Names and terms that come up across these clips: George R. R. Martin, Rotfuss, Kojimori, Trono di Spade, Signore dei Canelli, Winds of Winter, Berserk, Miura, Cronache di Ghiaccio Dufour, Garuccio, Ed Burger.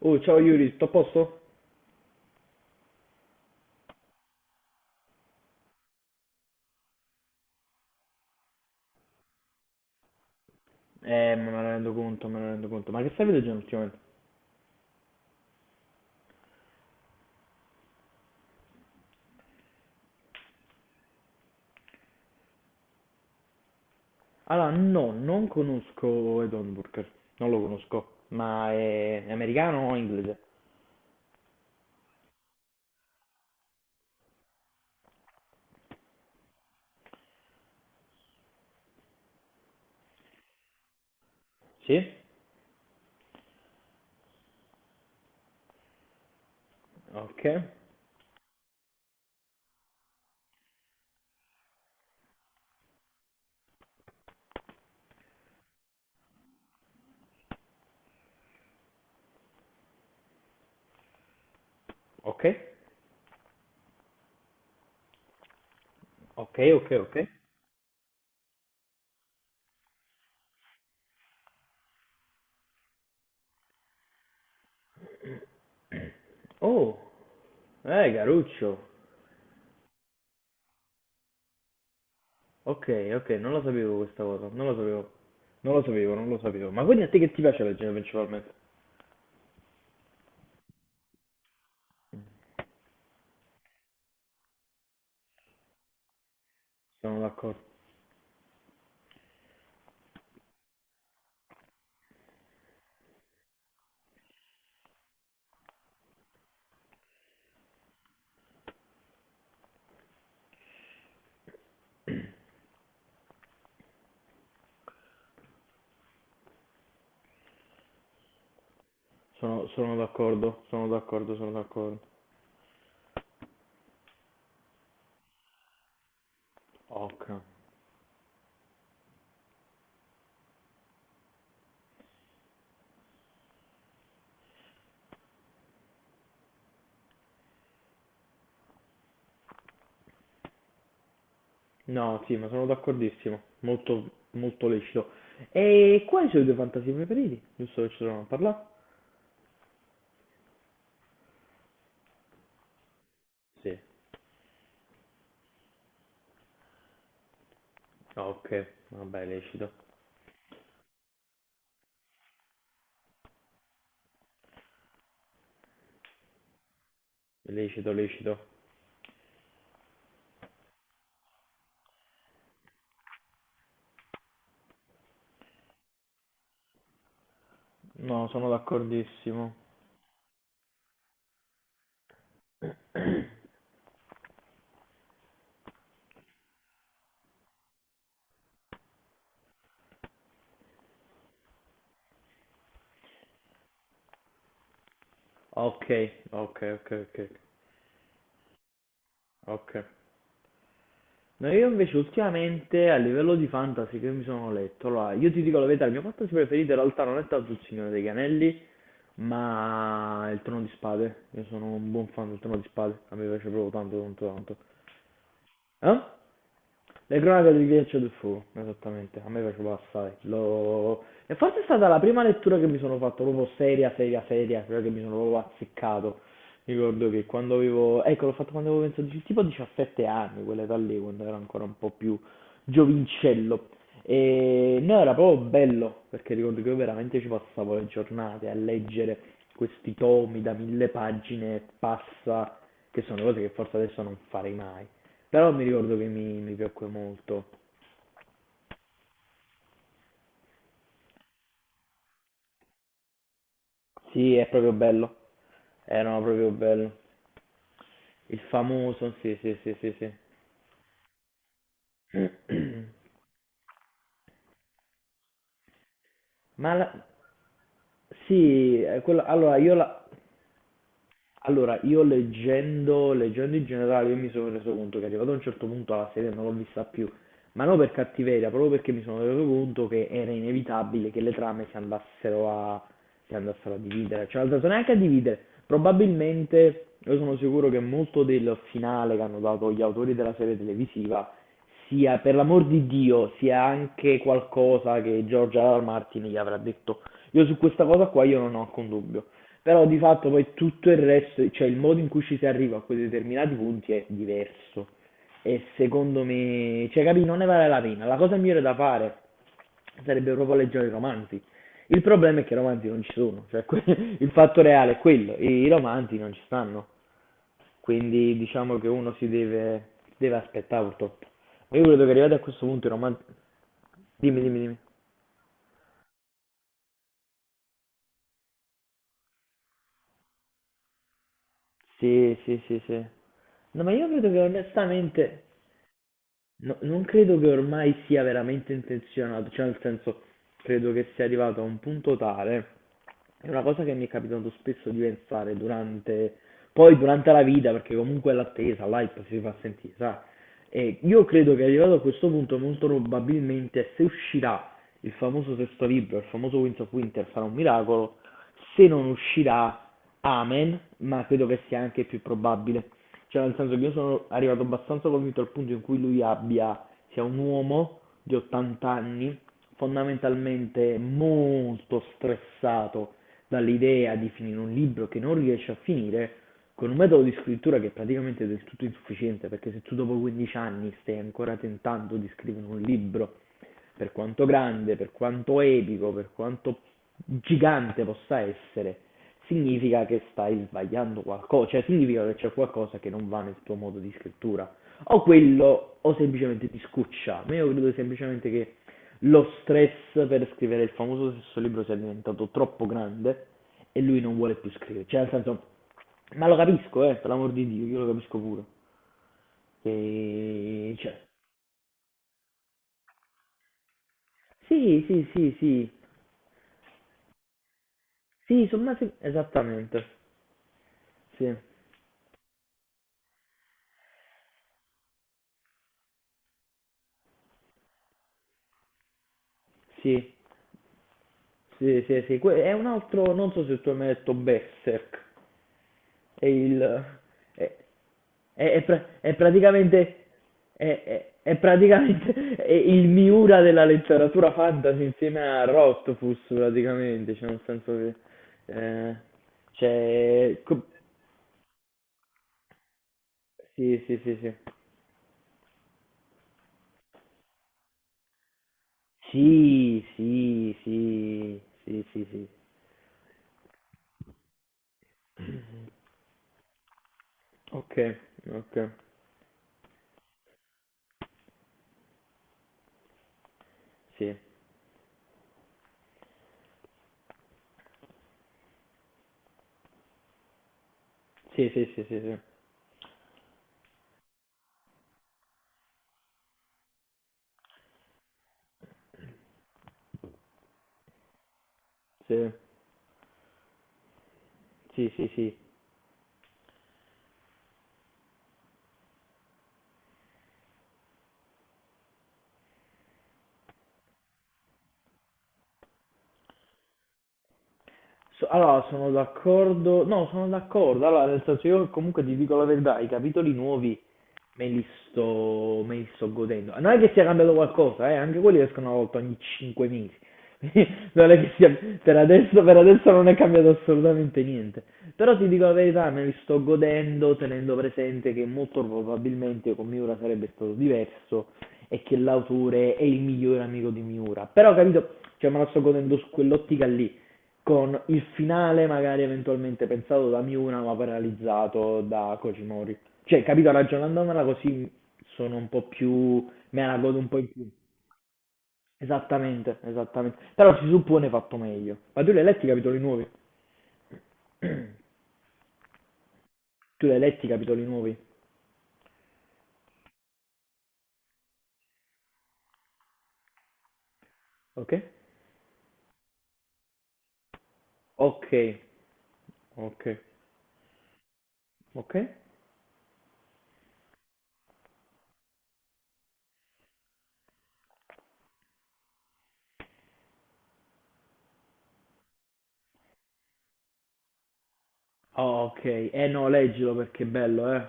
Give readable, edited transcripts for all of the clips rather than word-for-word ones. Oh, ciao Yuri, tutto a posto? Me ne rendo conto, me ne rendo conto. Ma che stai leggendo ultimamente? Allora, no, non conosco Ed Burger, non lo conosco. Ma è americano o inglese? Sì? Ok, ok, ok, ok, ok. Oh, Garuccio. Ok, ok, non lo sapevo questa cosa, non lo sapevo. Non lo sapevo, non lo sapevo. Ma quindi a te che ti piace leggere principalmente? Sono d'accordo, sono d'accordo, sono d'accordo, sono d'accordo. Ok. No, sì, ma sono d'accordissimo. Molto, molto lecito. E quali sono i tuoi fantasy preferiti? Giusto che ci sono a parlare? Sì. Ah, ok, vabbè, lecito, lecito, lecito. No, sono d'accordissimo. Ok, ok, ok, ok, ok. No, io invece ultimamente a livello di fantasy che mi sono letto, allora io ti dico la verità, il mio fantasy preferito in realtà non è tanto il Signore dei Canelli, ma il Trono di Spade. Io sono un buon fan del Trono di Spade, a me piace proprio tanto, tanto, tanto. Eh? Le cronache di Ghiaccio Dufour, esattamente, a me piaceva assai. E forse è stata la prima lettura che mi sono fatto, proprio seria, seria, seria, quella che mi sono proprio azzeccato. Mi ricordo che quando avevo, ecco, l'ho fatto quando avevo penso tipo 17 anni, quell'età lì, quando ero ancora un po' più giovincello. E no, era proprio bello, perché ricordo che io veramente ci passavo le giornate a leggere questi tomi da 1000 pagine e passa, che sono cose che forse adesso non farei mai. Però mi ricordo che mi piacque molto. Sì, è proprio bello. Era proprio bello. Il famoso, sì, sì, sì, sì, sì. Ma la- sì, allora io la... Allora, io leggendo, in generale, io mi sono reso conto che arrivato a un certo punto la serie non l'ho vista più, ma non per cattiveria, proprio perché mi sono reso conto che era inevitabile che le trame si andassero a dividere, cioè non andassero neanche a dividere, probabilmente. Io sono sicuro che molto del finale che hanno dato gli autori della serie televisiva sia, per l'amor di Dio, sia anche qualcosa che George R. R. Martin gli avrà detto. Io su questa cosa qua io non ho alcun dubbio. Però di fatto poi tutto il resto, cioè il modo in cui ci si arriva a quei determinati punti è diverso. E secondo me, cioè capì, non ne vale la pena. La cosa migliore da fare sarebbe proprio leggere i romanzi. Il problema è che i romanzi non ci sono, cioè il fatto reale è quello, i romanzi non ci stanno. Quindi diciamo che deve aspettare purtroppo. Ma io credo che arrivati a questo punto i romanzi... Dimmi, dimmi, dimmi. Sì, sì, sì, sì. No, ma io credo che onestamente... non credo che ormai sia veramente intenzionato, cioè nel senso, credo che sia arrivato a un punto tale, è una cosa che mi è capitato spesso di pensare durante, poi durante la vita, perché comunque l'attesa, l'hype si fa sentire, sai? E io credo che arrivato a questo punto molto probabilmente se uscirà il famoso sesto libro, il famoso Winds of Winter sarà un miracolo, se non uscirà Amen, ma credo che sia anche più probabile. Cioè nel senso che io sono arrivato abbastanza convinto al punto in cui lui abbia, sia un uomo di 80 anni, fondamentalmente molto stressato dall'idea di finire un libro che non riesce a finire, con un metodo di scrittura che è del tutto insufficiente, perché se tu dopo 15 anni stai ancora tentando di scrivere un libro, per quanto grande, per quanto epico, per quanto gigante possa essere, significa che stai sbagliando qualcosa, cioè significa che c'è qualcosa che non va nel tuo modo di scrittura. O quello, o semplicemente ti scuccia. Ma io credo semplicemente che lo stress per scrivere il famoso stesso libro sia diventato troppo grande e lui non vuole più scrivere. Cioè, nel senso, ma lo capisco, per l'amor di Dio, io lo capisco pure. Che... Cioè, sì, sì, sì, sì, sì, insomma, sì, esattamente, sì, sì, sì, sì, sì. È un altro, non so se tu hai mai detto Berserk, è il... è, è praticamente... è praticamente è il Miura della letteratura fantasy insieme a Rotfuss, praticamente, cioè nel senso che... eh, cioè... sì, sì, sì, sì. Sì, sì, sì, sì, sì, sì. Okay, okay. Sì. Sì, sì, sì, sì, sì. Sì, sì, sì, sì. So allora sono d'accordo no, sono d'accordo. Allora nel senso io comunque ti dico la verità, i capitoli nuovi me li sto godendo. Non è che sia cambiato qualcosa, eh? Anche quelli escono una volta ogni 5 mesi. non è che sia, per adesso non è cambiato assolutamente niente. Però ti dico la verità, me li sto godendo tenendo presente che molto probabilmente con Miura sarebbe stato diverso e che l'autore è il migliore amico di Miura. Però capito, cioè me la sto godendo su quell'ottica lì, con il finale magari eventualmente pensato da Miura ma paralizzato da Kojimori. Cioè, capito, ragionandomela così sono un po' più... me la godo un po' in più. Esattamente, esattamente. Però si suppone fatto meglio. Ma tu li hai letti i capitoli nuovi? Tu li hai letti i capitoli nuovi? Ok? Ok, ok, ok. Oh, ok, eh no, leggilo perché è bello, eh.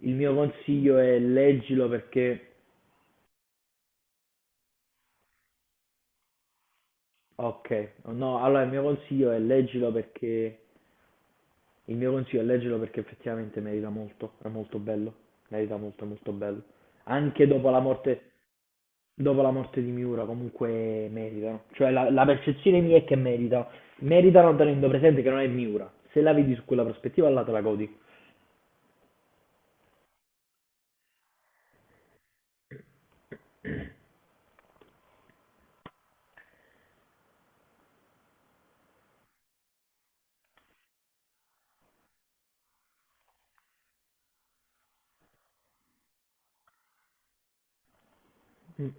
Il mio consiglio è leggilo perché... Ok, no, allora il mio consiglio è leggilo perché... Il mio consiglio è leggilo perché effettivamente merita molto, è molto bello, merita molto, è molto bello. Anche dopo la morte, dopo la morte di Miura comunque meritano, cioè la percezione mia è che meritano, meritano tenendo presente che non è Miura, se la vedi su quella prospettiva là te la godi. Mm.